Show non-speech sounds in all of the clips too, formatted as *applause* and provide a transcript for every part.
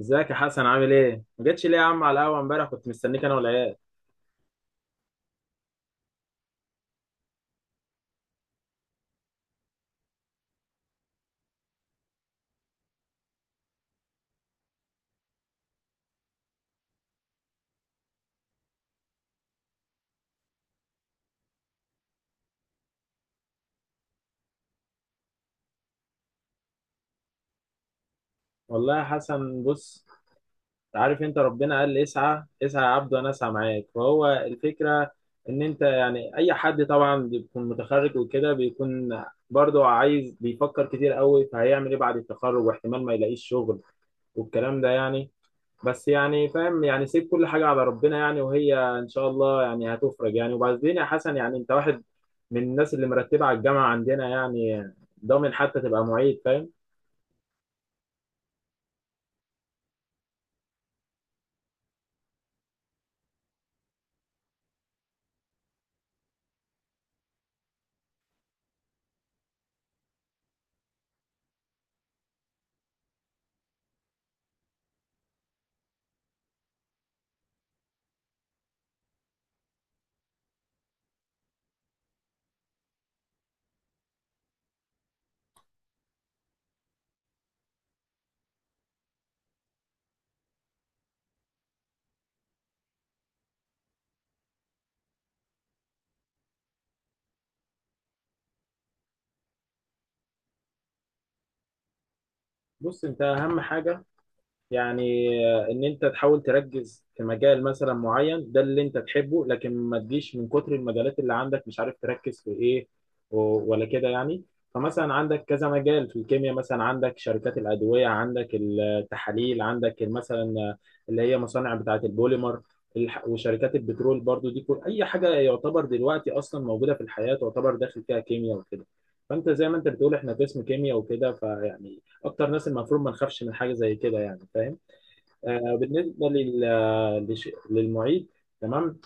ازيك يا حسن؟ عامل ايه؟ ما جتش ليه يا عم على القهوه امبارح؟ كنت مستنيك انا والعيال. والله يا حسن بص، عارف انت ربنا قال اسعى اسعى يا عبد وانا اسعى معاك. فهو الفكره ان انت اي حد طبعا بيكون متخرج وكده بيكون برضه عايز، بيفكر كتير قوي فهيعمل ايه بعد التخرج، واحتمال ما يلاقيش شغل والكلام ده بس فاهم سيب كل حاجة على ربنا وهي إن شاء الله هتفرج وبعدين يا حسن، أنت واحد من الناس اللي مرتبة على الجامعة عندنا، ضامن حتى تبقى معيد، فاهم؟ بص، أنت أهم حاجة ان انت تحاول تركز في مجال مثلا معين، ده اللي انت تحبه، لكن ما تجيش من كتر المجالات اللي عندك مش عارف تركز في ايه ولا كده فمثلا عندك كذا مجال في الكيمياء، مثلا عندك شركات الأدوية، عندك التحاليل، عندك مثلا اللي هي مصانع بتاعة البوليمر، وشركات البترول برضو. دي كل اي حاجة يعتبر دلوقتي اصلا موجودة في الحياة تعتبر داخل فيها كيمياء وكده. فانت زي ما انت بتقول احنا قسم كيمياء وكده اكتر ناس المفروض ما نخافش من حاجه زي كده، فاهم. آه، بالنسبه للمعيد، تمام.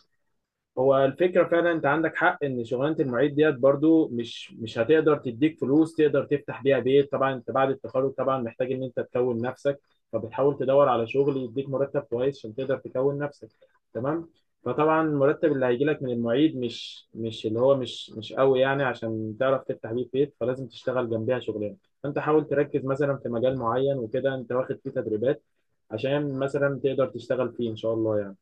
هو الفكرة فعلا انت عندك حق ان شغلانة المعيد ديت برضو مش هتقدر تديك فلوس تقدر تفتح بيها بيت. طبعا انت بعد التخرج طبعا محتاج ان انت تكون نفسك، فبتحاول تدور على شغل يديك مرتب كويس عشان تقدر تكون نفسك، تمام. فطبعا المرتب اللي هيجي لك من المعيد مش مش اللي هو مش مش قوي عشان تعرف تفتح بيه بيت، فلازم تشتغل جنبها شغلانة. فانت حاول تركز مثلا في مجال معين وكده، انت واخد فيه تدريبات عشان مثلا تقدر تشتغل فيه ان شاء الله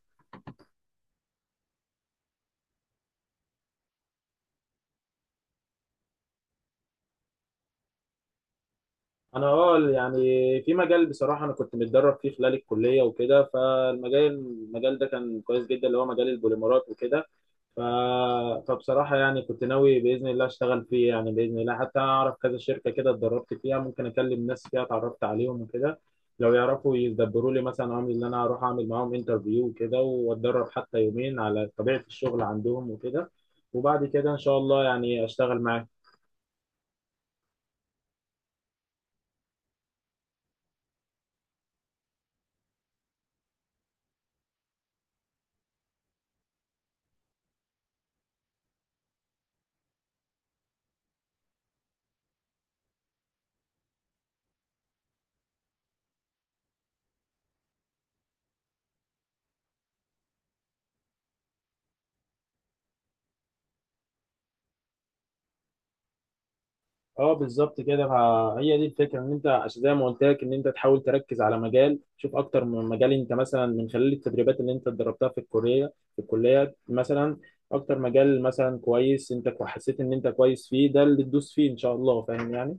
انا اه في مجال بصراحه انا كنت متدرب فيه خلال الكليه وكده. فالمجال ده كان كويس جدا، اللي هو مجال البوليمرات وكده. ف... فبصراحه كنت ناوي باذن الله اشتغل فيه باذن الله. حتى اعرف كذا شركه كده اتدربت فيها، ممكن اكلم ناس فيها اتعرفت عليهم وكده، لو يعرفوا يدبروا لي مثلا، عامل ان انا اروح اعمل معاهم انترفيو وكده واتدرب حتى يومين على طبيعه الشغل عندهم وكده، وبعد كده ان شاء الله اشتغل معاهم. اه بالظبط كده، هي دي الفكره ان انت عشان زي ما قلت لك ان انت تحاول تركز على مجال، شوف اكتر من مجال انت مثلا من خلال التدريبات اللي انت اتدربتها في الكليه مثلا. اكتر مجال مثلا كويس انت حسيت ان انت كويس فيه، ده اللي تدوس فيه ان شاء الله، فاهم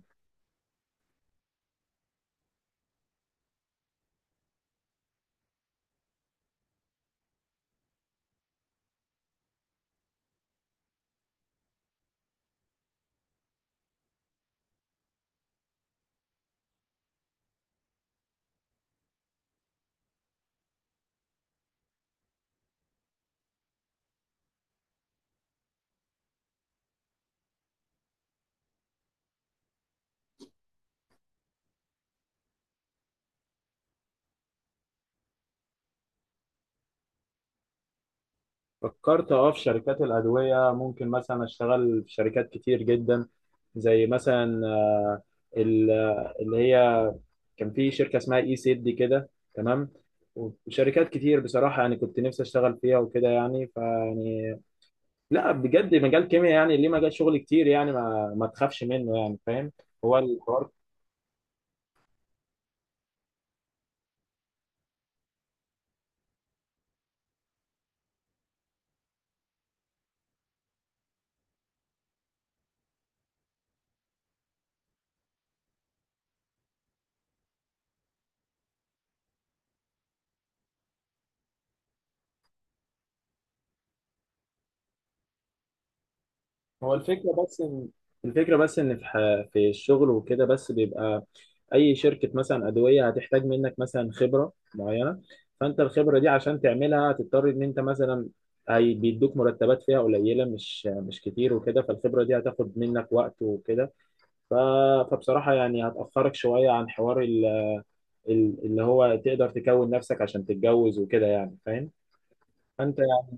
فكرت اه في شركات الادويه، ممكن مثلا اشتغل في شركات كتير جدا، زي مثلا آه، ال- اللي هي كان في شركه اسمها اي سيد دي كده، تمام. وشركات كتير بصراحه كنت نفسي اشتغل فيها وكده يعني فيعني لا بجد مجال كيمياء ليه مجال شغل كتير ما تخافش منه، فاهم، هو الحوار. هو الفكره بس ان في الشغل وكده، بس بيبقى اي شركه مثلا ادويه هتحتاج منك مثلا خبره معينه. فانت الخبره دي عشان تعملها هتضطر ان انت مثلا هي بيدوك مرتبات فيها قليله، مش كتير وكده، فالخبره دي هتاخد منك وقت وكده. ف- فبصراحة هتأخرك شوية عن حوار اللي هو تقدر تكون نفسك عشان تتجوز وكده، فاهم، فأنت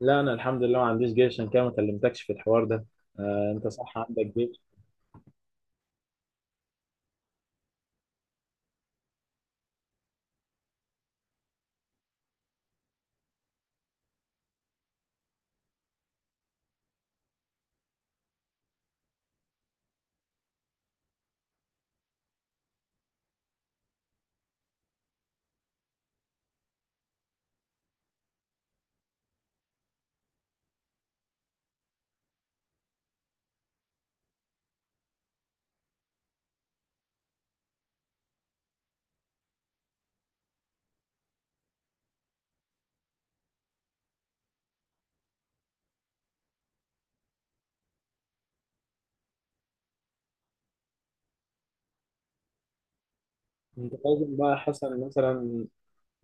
لا، أنا الحمد لله ما عنديش جيش، عشان كده ما كلمتكش في الحوار ده. آه، أنت صح عندك جيش. أنت لازم بقى يا حسن مثلا،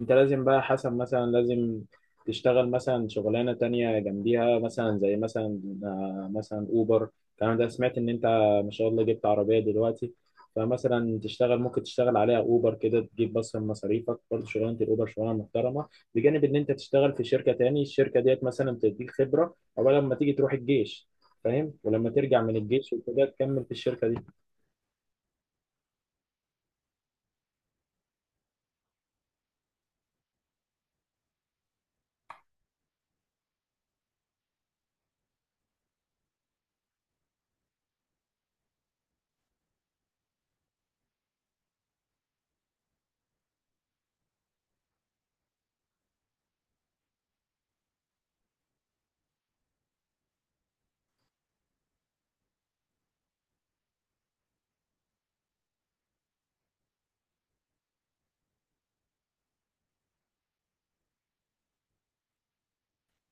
انت لازم بقى حسب مثلا، لازم تشتغل مثلا شغلانة تانية جنبيها، مثلا زي مثلا آه، مثلا اوبر الكلام ده. سمعت ان انت ما شاء الله جبت عربية دلوقتي، فمثلا تشتغل، ممكن تشتغل عليها اوبر كده، تجيب بس من مصاريفك. برضه شغلانة الاوبر شغلانة محترمة بجانب ان انت تشتغل في شركة تاني. الشركة ديت مثلا تديك خبرة او لما تيجي تروح الجيش، فاهم، ولما ترجع من الجيش وكده تكمل في الشركة دي.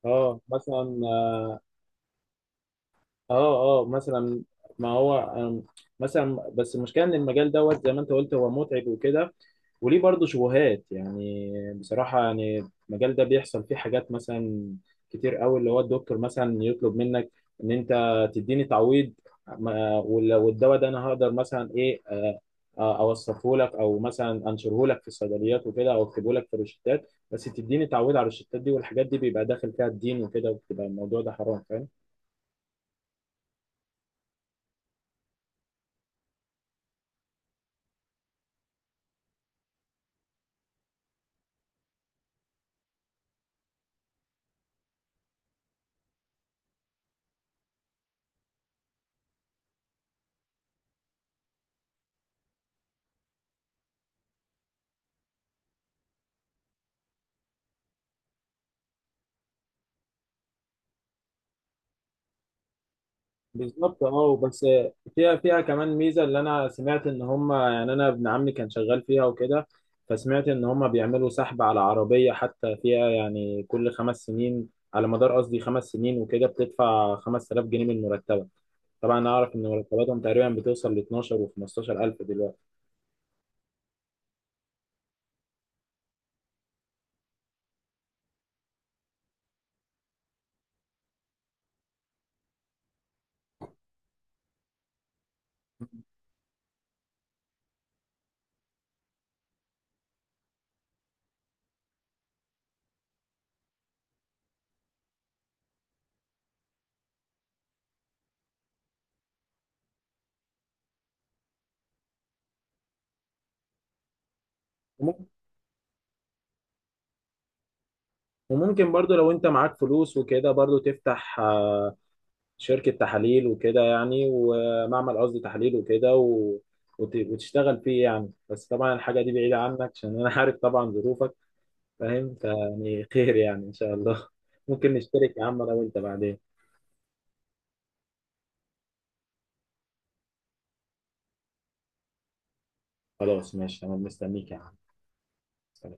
اه مثلا، اه مثلا، ما هو مثلا، بس المشكله ان المجال دوت زي ما انت قلت هو متعب وكده، وليه برضه شبهات بصراحه المجال ده بيحصل فيه حاجات مثلا كتير قوي، اللي هو الدكتور مثلا يطلب منك ان انت تديني تعويض، والدواء ده انا هقدر مثلا ايه اوصفه لك او مثلا انشره لك في الصيدليات وكده، او اكتبه لك في الروشتات، بس تديني تعويض على الروشتات دي، والحاجات دي بيبقى داخل فيها الدين وكده، وبتبقى الموضوع ده حرام، فاهم. بالظبط اه، بس فيها كمان ميزه اللي انا سمعت ان هم، انا ابن عمي كان شغال فيها وكده، فسمعت ان هم بيعملوا سحب على عربيه حتى فيها، كل خمس سنين على مدار، قصدي خمس سنين وكده، بتدفع 5000 جنيه من مرتبك. طبعا اعرف ان مرتباتهم تقريبا بتوصل ل 12 و 15000 دلوقتي. وممكن وممكن برضو لو انت معاك فلوس وكده برضو تفتح آه، شركة تحاليل وكده، ومعمل، قصدي تحليل وكده، وتشتغل فيه بس طبعا الحاجة دي بعيدة عنك عشان أنا *laughs* عارف طبعا ظروفك، فاهم. خير إن شاء الله *laughs* ممكن نشترك يا عم أنا وأنت بعدين. خلاص ماشي، أنا مستنيك يا عم. سلام.